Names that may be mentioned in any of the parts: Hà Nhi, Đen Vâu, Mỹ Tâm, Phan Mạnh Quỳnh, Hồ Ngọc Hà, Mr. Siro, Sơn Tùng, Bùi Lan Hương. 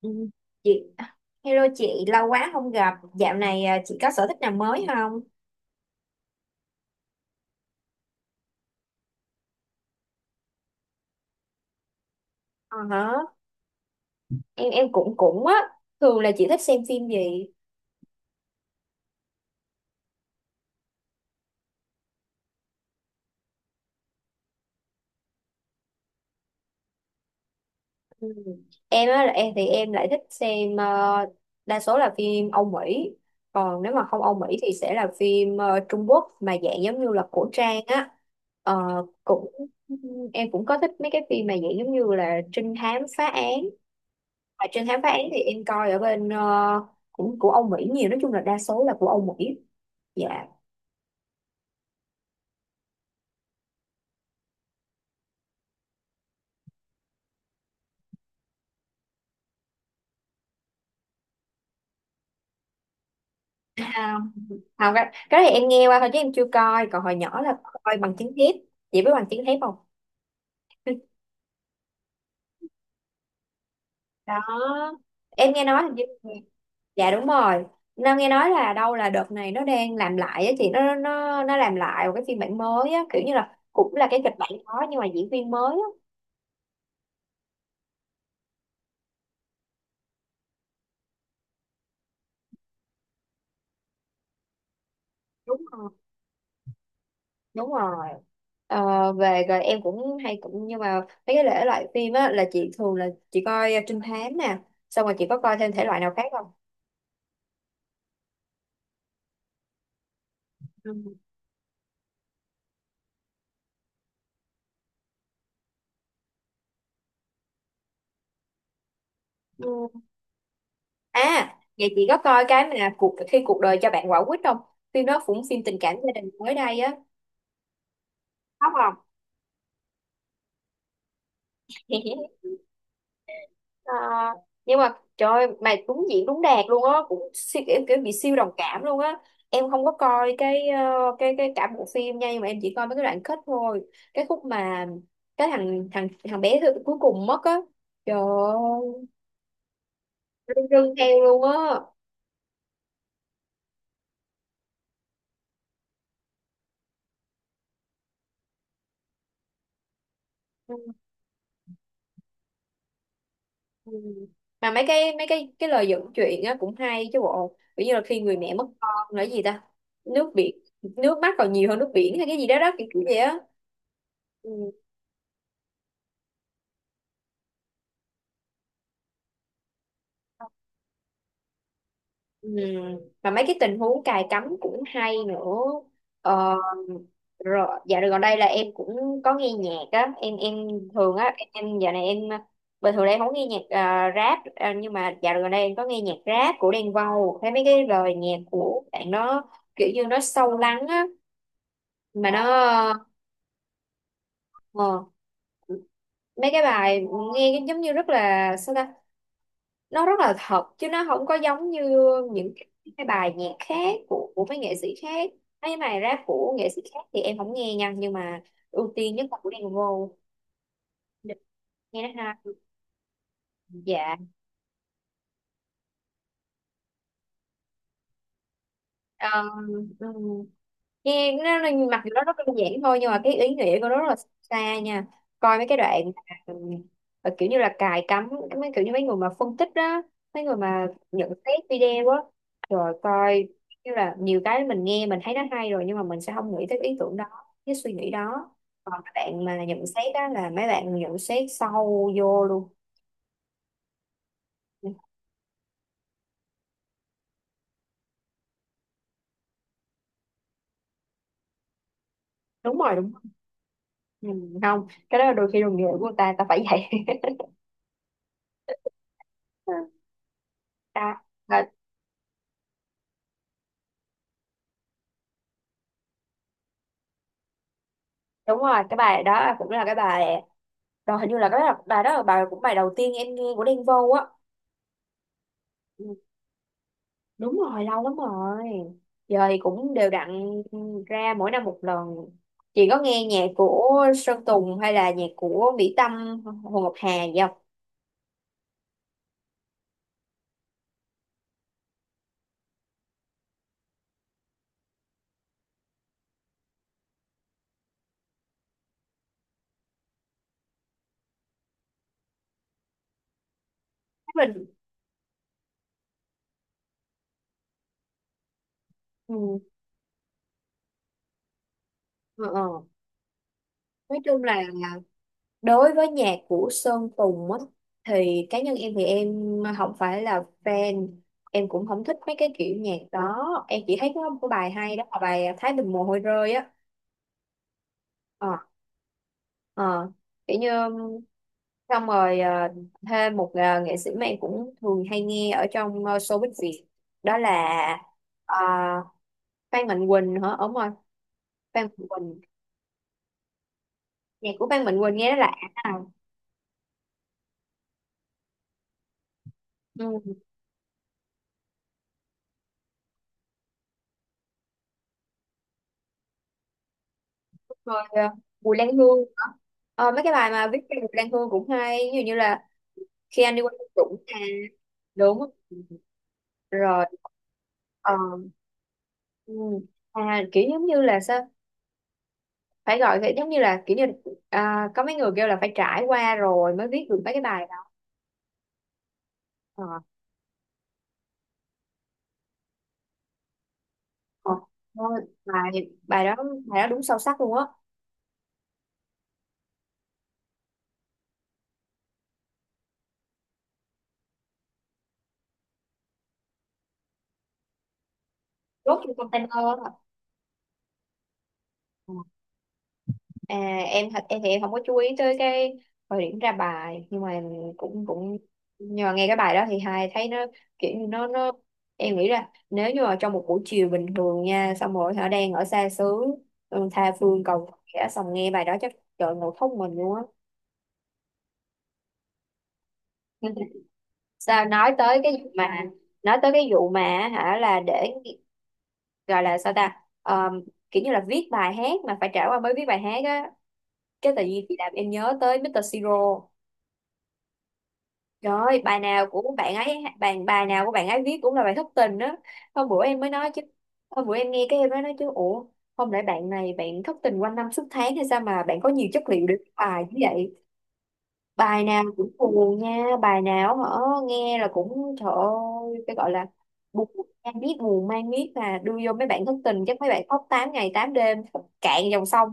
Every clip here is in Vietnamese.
Ừ, chị hello chị lâu quá không gặp dạo này, à chị có sở thích nào mới không? Ờ hả? Em em cũng cũng á. Thường là chị thích xem phim gì? Ừ. Em á là em thì em lại thích xem, đa số là phim Âu Mỹ. Còn nếu mà không Âu Mỹ thì sẽ là phim, Trung Quốc mà dạng giống như là cổ trang á. Ờ, Cũng em cũng có thích mấy cái phim mà dạng giống như là trinh thám phá án, và trinh thám phá án thì em coi ở bên, cũng của Âu Mỹ nhiều, nói chung là đa số là của Âu Mỹ. Dạ, không không, cái này em nghe qua thôi chứ em chưa coi, còn hồi nhỏ là coi Bằng Chứng Thép. Chị biết Bằng Chứng Thép không? Đó, em nghe nói hình như, dạ đúng rồi. Nam nghe nói là đâu là đợt này nó đang làm lại á chị, nó làm lại một cái phiên bản mới á, kiểu như là cũng là cái kịch bản đó nhưng mà diễn viên mới á. Đúng rồi, đúng rồi. Về rồi em cũng hay cũng nhưng mà mấy cái thể loại phim á là chị thường là chị coi trinh thám nè, xong rồi chị có coi thêm thể loại nào khác không? Ừ. Ừ, à vậy chị có coi cái mà cuộc khi cuộc đời cho bạn quả quýt không? Phim đó cũng phim tình cảm gia đình mới đây á. Khóc không? Ờ, nhưng mà trời ơi, mà đúng diễn đúng đạt luôn á, cũng siêu, kiểu, kiểu bị siêu đồng cảm luôn á. Em không có coi cái ờ, cái cả bộ phim nha, nhưng mà em chỉ coi mấy cái đoạn kết thôi. Cái khúc mà cái thằng thằng thằng bé cuối cùng mất á. Trời ơi, rưng rưng theo luôn á. Ừ. Ừ. Mà mấy cái lời dẫn chuyện á cũng hay chứ bộ, ví như là khi người mẹ mất con là cái gì ta, nước biển nước mắt còn nhiều hơn nước biển hay cái gì đó đó, kiểu kiểu vậy á. Ừ. Ừ. Mà mấy cái tình huống cài cắm cũng hay nữa. ờ, Rồi dạo gần đây là em cũng có nghe nhạc á, em thường á em dạo này em bình thường đây em không nghe nhạc, rap, nhưng mà dạo gần đây em có nghe nhạc rap của Đen Vâu, thấy mấy cái lời nhạc của bạn nó kiểu như nó sâu lắng á, mà nó, ờ, mấy cái bài nghe cái giống như rất là sao ta, nó rất là thật chứ nó không có giống như những cái bài nhạc khác của mấy nghệ sĩ khác. Mấy bài rap của nghệ sĩ khác thì em không nghe nha, nhưng mà ưu tiên nhất là của Đen Vâu, nghe nó hay. Dạ. Ờ, ừ. Nghe nó mặc dù nó rất đơn giản thôi nhưng mà cái ý nghĩa của nó rất là xa nha. Coi mấy cái đoạn mà, ừ, kiểu như là cài cắm, mấy kiểu như mấy người mà phân tích đó, mấy người mà nhận xét video á, rồi coi như là nhiều cái mình nghe mình thấy nó hay rồi nhưng mà mình sẽ không nghĩ tới cái ý tưởng đó, cái suy nghĩ đó. Còn các bạn mà nhận xét á là mấy bạn nhận xét sâu vô luôn. Đúng rồi, đúng rồi. Ừ, không cái đó là đôi khi đồng nghiệp của người ta, ta phải vậy. Đó, đúng rồi, cái bài đó cũng là cái bài đó hình như là cái bài bài đó là bài cũng bài đầu tiên em nghe của Đen Vâu á. Ừ, đúng rồi, lâu lắm rồi. Giờ thì cũng đều đặn ra mỗi năm một lần. Chị có nghe nhạc của Sơn Tùng hay là nhạc của Mỹ Tâm, Hồ Ngọc Hà gì không? Mình, ừ, ờ, ờ. Nói chung là đối với nhạc của Sơn Tùng á thì cá nhân em thì em không phải là fan, em cũng không thích mấy cái kiểu nhạc đó, em chỉ thấy có một cái bài hay đó là bài Thái Bình Mồ Hôi Rơi á. Ờ ờ, kiểu như, xong rồi, thêm một, nghệ sĩ mà em cũng thường hay nghe ở trong, showbiz Việt, đó là, ờ, Phan Mạnh Quỳnh hả, đúng rồi. Phan Mạnh Quỳnh, nhạc của Phan Mạnh Quỳnh nghe nó lạ. Ừ. Rồi à, Bùi Lan Hương nữa. Ờ, mấy cái bài mà viết về Bùi Lan Hương cũng hay, ví dụ như là khi anh đi qua thung lũng nè. Đúng rồi. Ờ, ừ. À, kiểu giống như là sao phải gọi vậy, giống như là kiểu như, à có mấy người kêu là phải trải qua rồi mới viết được mấy cái bài đó. Ờ, ờ, thôi, bài bài đó bài đó đúng sâu sắc luôn á. Rốt trong container á. Ờ. À, em thật em thì em không có chú ý tới cái thời điểm ra bài nhưng mà cũng cũng, nhưng mà nghe cái bài đó thì hai thấy nó kiểu như nó, em nghĩ là nếu như mà trong một buổi chiều bình thường nha, xong rồi họ đang ở xa xứ, ừ tha phương cầu khẽ xong nghe bài đó chắc trời ngồi khóc mình luôn á. Sao nói tới cái vụ mà, nói tới cái vụ mà, hả là để gọi là sao ta, Ờm, kiểu như là viết bài hát mà phải trải qua mới viết bài hát á, cái tự nhiên thì làm em nhớ tới Mr. Siro. Rồi bài nào của bạn ấy, bài bài nào của bạn ấy viết cũng là bài thất tình đó. Hôm bữa em mới nói chứ, hôm bữa em nghe cái em mới nói chứ, ủa không lẽ bạn này bạn thất tình quanh năm suốt tháng hay sao mà bạn có nhiều chất liệu để viết bài như vậy. Bài nào cũng buồn nha, bài nào hả, nghe là cũng trời ơi, cái gọi là buồn mang biết, buồn mang biết mà đưa vô mấy bạn thất tình chắc mấy bạn khóc 8 ngày 8 đêm, cạn dòng sông.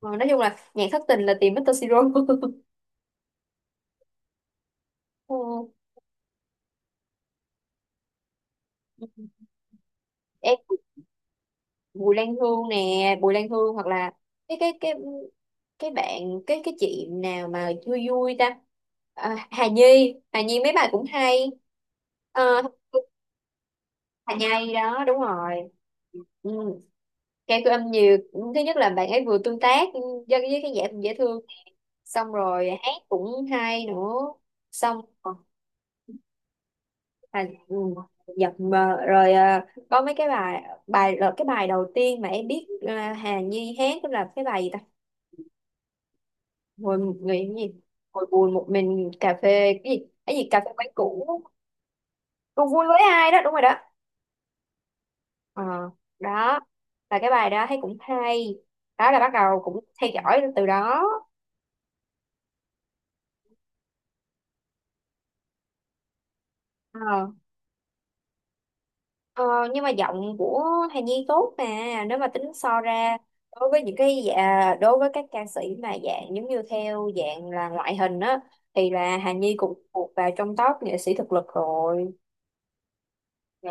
Ờ, nói chung là nhạc thất tình là tìm Mr. Siro. Ừ. Em, Bùi Lan Hương nè, Bùi Lan Hương, hoặc là cái cái cái cái bạn cái chị nào mà vui vui ta, à Hà Nhi, Hà Nhi mấy bài cũng hay. À, Hà Nhi đó đúng rồi. Ừ. Cái cứ âm nhiều thứ nhất là bạn ấy vừa tương tác với cái dễ dễ thương, xong rồi hát cũng hay nữa, xong rồi- à ừ, giật mờ rồi à, có mấy cái bài bài là cái bài đầu tiên mà em biết, à Hà Nhi hát tức là cái bài gì ta, ngồi một người cái gì, ngồi buồn một mình cà phê cái gì cà phê quán cũ cùng vui với ai đó, đúng rồi đó. Ờ đó là cái bài đó thấy cũng hay, đó là bắt đầu cũng theo dõi từ đó. Ờ, ờ nhưng mà giọng của Hà Nhi tốt mà, nếu mà tính so ra đối với những cái dạ, đối với các ca sĩ mà dạng giống như theo dạng là ngoại hình á thì là Hà Nhi cũng thuộc vào trong top nghệ sĩ thực lực rồi. Dạ,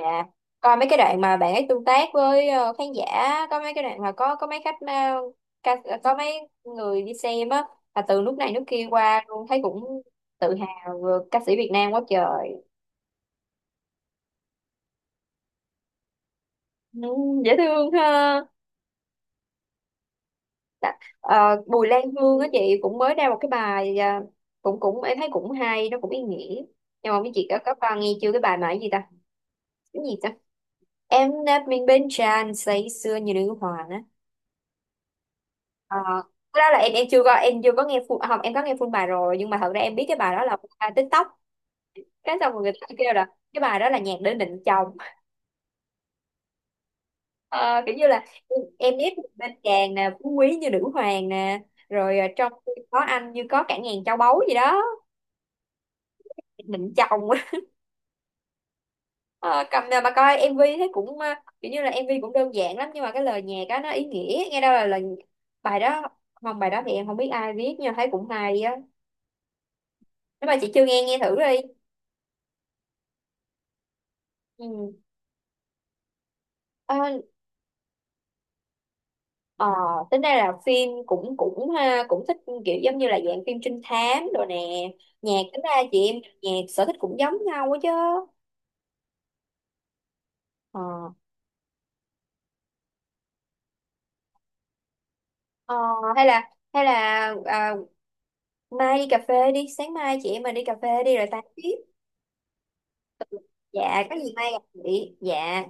coi mấy cái đoạn mà bạn ấy tương tác với, khán giả, có mấy cái đoạn mà có mấy khách, ca, có mấy người đi xem á, là từ nước này nước kia qua luôn thấy cũng tự hào vừa ca sĩ Việt Nam quá trời. Ừ, dễ thương ha. Bùi Lan Hương á chị cũng mới ra một cái bài à, cũng cũng em thấy cũng hay, nó cũng ý nghĩa. Nhưng mà mấy chị có qua nghe chưa cái bài mà cái gì ta? Cái gì ta? Em đã mình bên tràn say sưa như nữ hoàng. Ờ, cái đó là em chưa có nghe full à, không em có nghe full bài rồi nhưng mà thật ra em biết cái bài đó là full TikTok, cái xong rồi người ta kêu là cái bài đó là nhạc để định chồng. Ờ, kiểu như là em ép mình bên chàng nè, phú quý như nữ hoàng nè, rồi ờ, trong khi có anh như có cả ngàn châu báu gì đó, định chồng. Ờ, cầm nè mà coi MV thấy cũng, kiểu như là MV cũng đơn giản lắm nhưng mà cái lời nhạc á nó ý nghĩa, nghe đâu là lời bài đó, không bài đó thì em không biết ai viết nhưng mà thấy cũng hay á, nếu mà chị chưa nghe nghe thử đi. Ừ. Ờ, tính ra là phim cũng cũng ha, cũng thích, kiểu giống như là dạng phim trinh thám rồi nè, nhạc tính ra chị em, nhạc sở thích cũng giống nhau quá chứ. Ờ, ờ, hay là hay là, à mai đi cà phê đi, sáng mai chị em mình đi cà phê đi rồi tám tiếp. Dạ có gì mai gặp chị dạ.